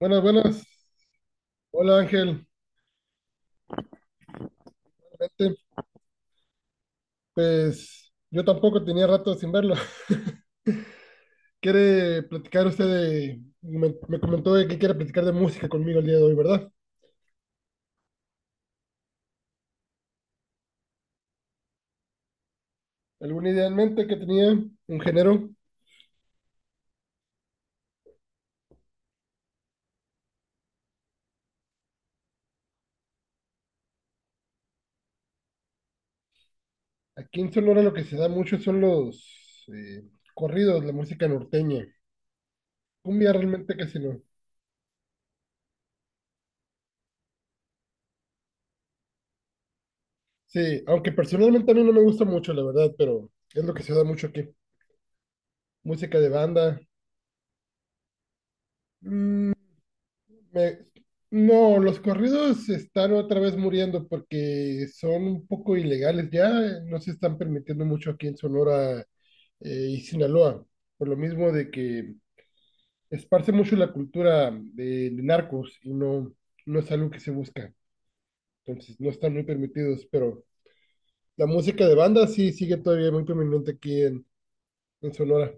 Buenas, buenas. Hola Ángel. Vente. Pues yo tampoco tenía rato sin verlo. ¿Quiere platicar usted de... Me comentó de que quiere platicar de música conmigo el día de hoy, ¿verdad? ¿Alguna idea en mente que tenía? ¿Un género? Aquí en Sonora lo que se da mucho son los corridos, la música norteña. Cumbia realmente casi no. Sí, aunque personalmente a mí no me gusta mucho, la verdad, pero es lo que se da mucho aquí. Música de banda. Me- No, los corridos están otra vez muriendo porque son un poco ilegales ya, no se están permitiendo mucho aquí en Sonora y Sinaloa, por lo mismo de que esparce mucho la cultura de narcos y no, no es algo que se busca, entonces no están muy permitidos, pero la música de banda sí sigue todavía muy prominente en Sonora.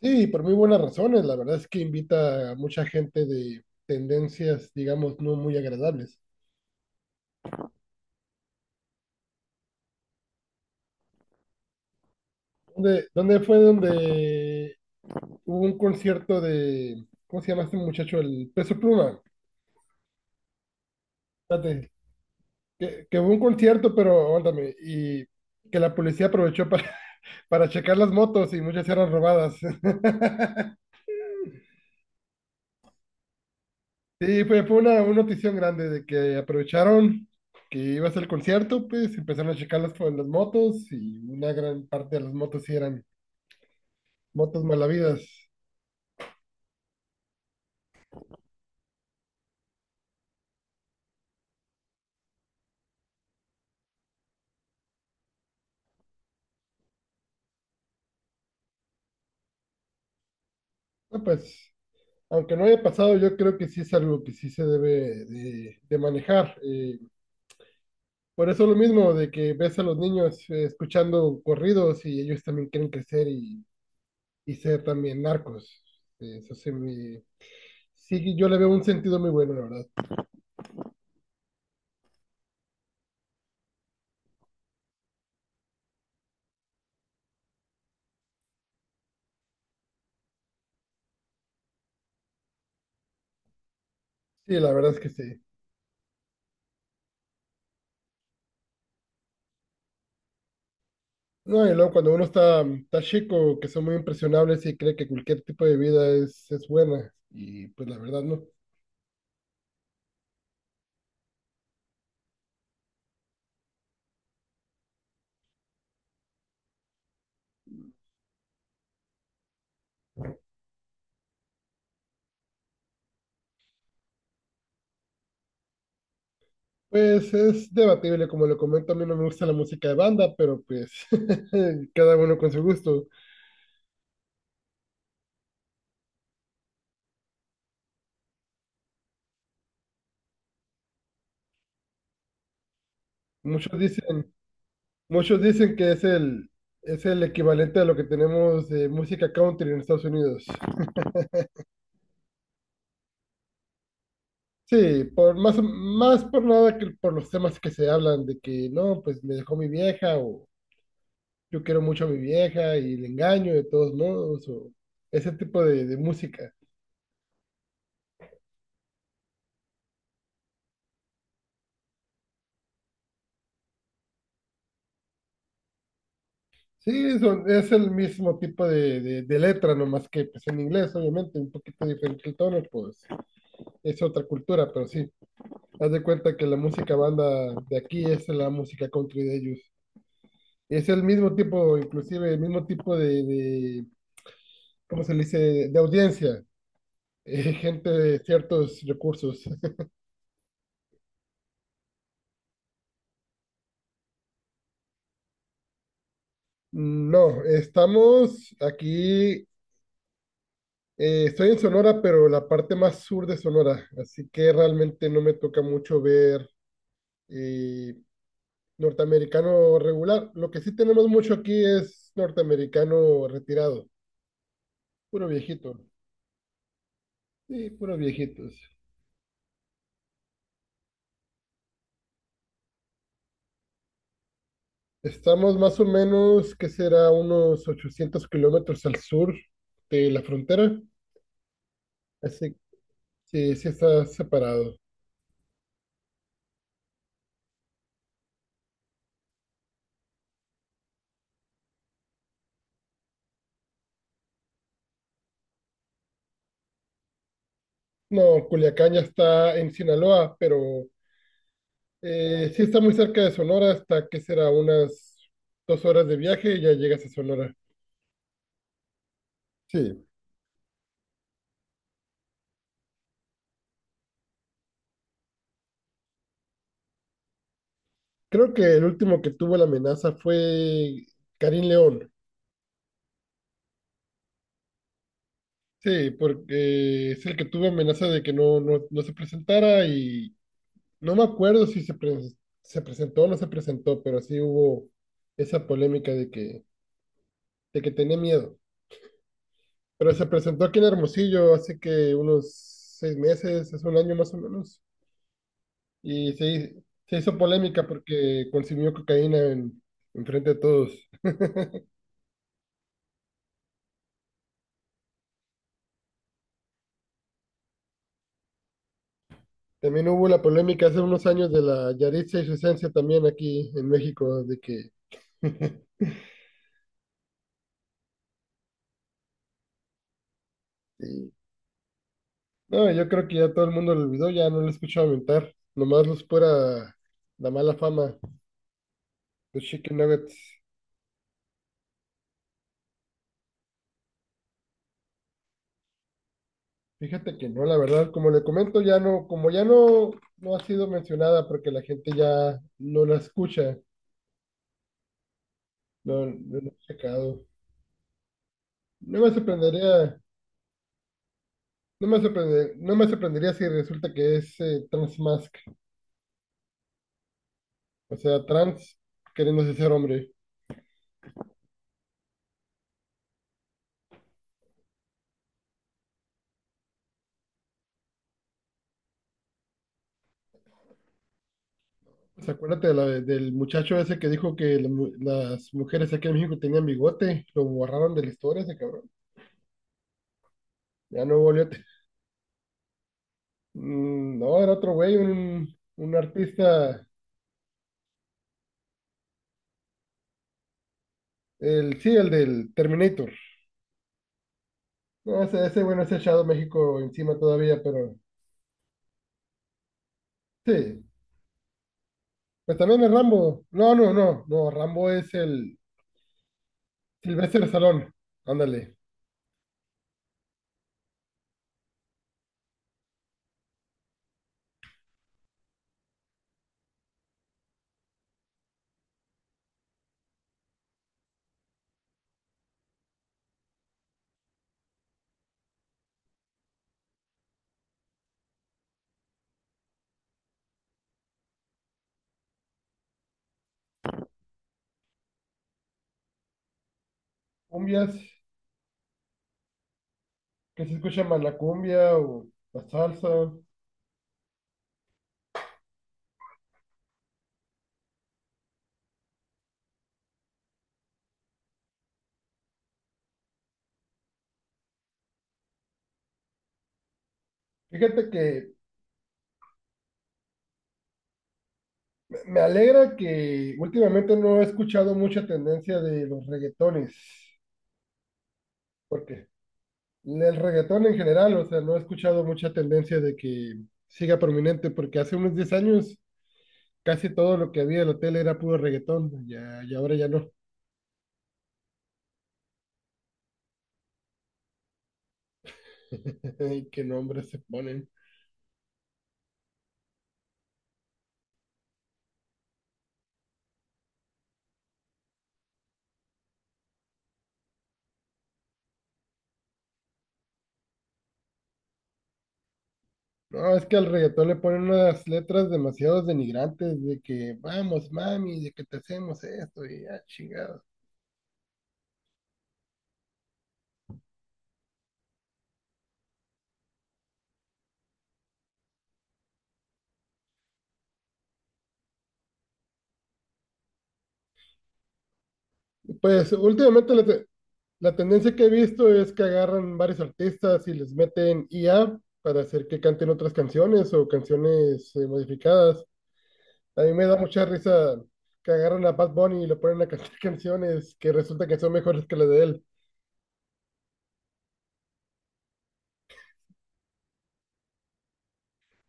Sí, por muy buenas razones, la verdad es que invita a mucha gente de tendencias, digamos, no muy agradables. ¿Dónde fue donde hubo un concierto de, ¿cómo se llama este muchacho? El Peso Pluma. Espérate, que hubo un concierto, pero aguántame, y que la policía aprovechó para, para checar las motos y muchas eran robadas. Sí, fue una notición grande de que aprovecharon que iba a ser el concierto, pues empezaron a checar las motos y una gran parte de las motos sí eran motos malavidas. No, pues. Aunque no haya pasado, yo creo que sí es algo que sí se debe de manejar. Por eso lo mismo de que ves a los niños escuchando corridos y ellos también quieren crecer y ser también narcos. Eh, Eso sí, me- sí, yo le veo un sentido muy bueno, la verdad. Sí, la verdad es que sí. No, y luego cuando uno está chico, que son muy impresionables y cree que cualquier tipo de vida es buena, y pues la verdad no. Pues es debatible, como lo comento, a mí no me gusta la música de banda, pero pues cada uno con su gusto. Muchos dicen, Muchos dicen que es el equivalente a lo que tenemos de música country en Estados Unidos. Sí, por más, más por nada que por los temas que se hablan de que no, pues me dejó mi vieja o yo quiero mucho a mi vieja y le engaño de todos modos o ese tipo de música. Sí, es el mismo tipo de letra, nomás que pues en inglés, obviamente, un poquito diferente el tono, pues es otra cultura, pero sí, haz de cuenta que la música banda de aquí es la música country de ellos. Es el mismo tipo, inclusive, el mismo tipo de ¿cómo se le dice?, de audiencia, gente de ciertos recursos. No, estamos aquí, estoy en Sonora, pero la parte más sur de Sonora, así que realmente no me toca mucho ver... eh, Norteamericano regular. Lo que sí tenemos mucho aquí es norteamericano retirado. Puro viejito. Sí, puros viejitos. Estamos más o menos, que será unos 800 kilómetros al sur de la frontera. Así que sí está separado. No, Culiacán ya está en Sinaloa, pero sí está muy cerca de Sonora, hasta que será unas 2 horas de viaje y ya llegas a Sonora. Sí, creo que el último que tuvo la amenaza fue Karim León. Sí, porque es el que tuvo amenaza de que no, no, no se presentara y no me acuerdo si se presentó o no se presentó, pero sí hubo esa polémica de que tenía miedo. Pero se presentó aquí en Hermosillo hace que unos 6 meses, es un año más o menos, y se hizo polémica porque consumió cocaína en frente de todos. También hubo la polémica hace unos años de la Yaritza y su esencia también aquí en México, de que... No, yo creo que ya todo el mundo lo olvidó, ya no lo he escuchado mentar. Nomás los pura la mala fama, los chicken nuggets. Fíjate que no, la verdad, como le comento, ya no, como ya no, no ha sido mencionada porque la gente ya no la escucha, no, no lo he checado. No me sorprendería, no me sorprendería si resulta que es trans mask, o sea, trans queriéndose ser hombre. Pues acuérdate de del muchacho ese que dijo que las mujeres aquí en México tenían bigote, lo borraron de la historia ese cabrón. Ya no volvió. No, era otro güey, un artista, el sí, el del Terminator. No, ese güey no se echado México encima todavía, pero sí. Pues también es Rambo. No, Rambo es el Silvestre Salón. Ándale. Cumbias, que se escucha más la cumbia o la salsa. Fíjate que me alegra que últimamente no he escuchado mucha tendencia de los reggaetones, porque el reggaetón en general, o sea, no he escuchado mucha tendencia de que siga prominente, porque hace unos 10 años casi todo lo que había en la tele era puro reggaetón, ya, y ahora ya no. Ay, qué nombres se ponen. No, es que al reggaetón le ponen unas letras demasiado denigrantes de que vamos, mami, de que te hacemos esto y ya, chingado. Pues últimamente, La tendencia que he visto es que agarran varios artistas y les meten IA para hacer que canten otras canciones o canciones modificadas. A mí me da mucha risa que agarran a Bad Bunny y le ponen a cantar canciones que resulta que son mejores que las de él.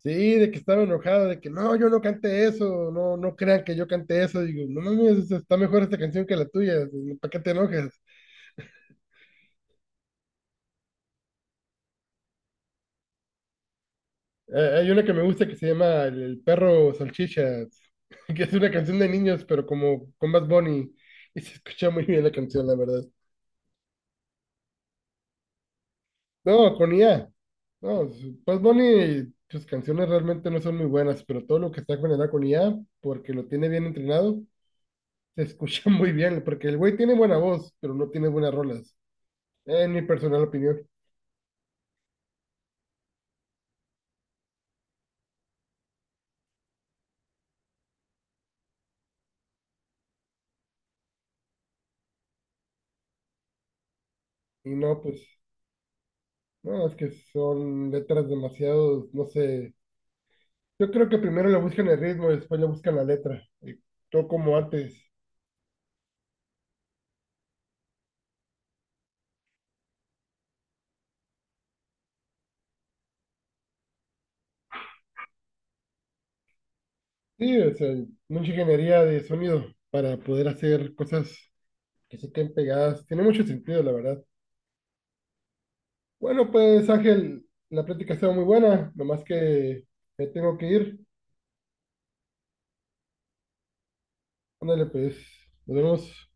Sí, de que estaba enojado, de que no, yo no cante eso, no, no crean que yo cante eso. Digo, no mames, está mejor esta canción que la tuya, ¿para qué te enojas? Hay una que me gusta que se llama El perro salchicha, que es una canción de niños, pero como con Bad Bunny. Y se escucha muy bien la canción, la verdad. No, con IA. No, Bad Bunny, sus canciones realmente no son muy buenas, pero todo lo que está generado con IA, porque lo tiene bien entrenado, se escucha muy bien, porque el güey tiene buena voz, pero no tiene buenas rolas, en mi personal opinión. Y no, pues, no, es que son letras demasiado, no sé. Yo creo que primero le buscan el ritmo y después le buscan la letra. Y todo como antes. Sí, o sea, mucha ingeniería de sonido para poder hacer cosas que se queden pegadas. Tiene mucho sentido, la verdad. Bueno, pues Ángel, la plática estaba muy buena, nomás que me tengo que ir. Ándale, pues, nos vemos.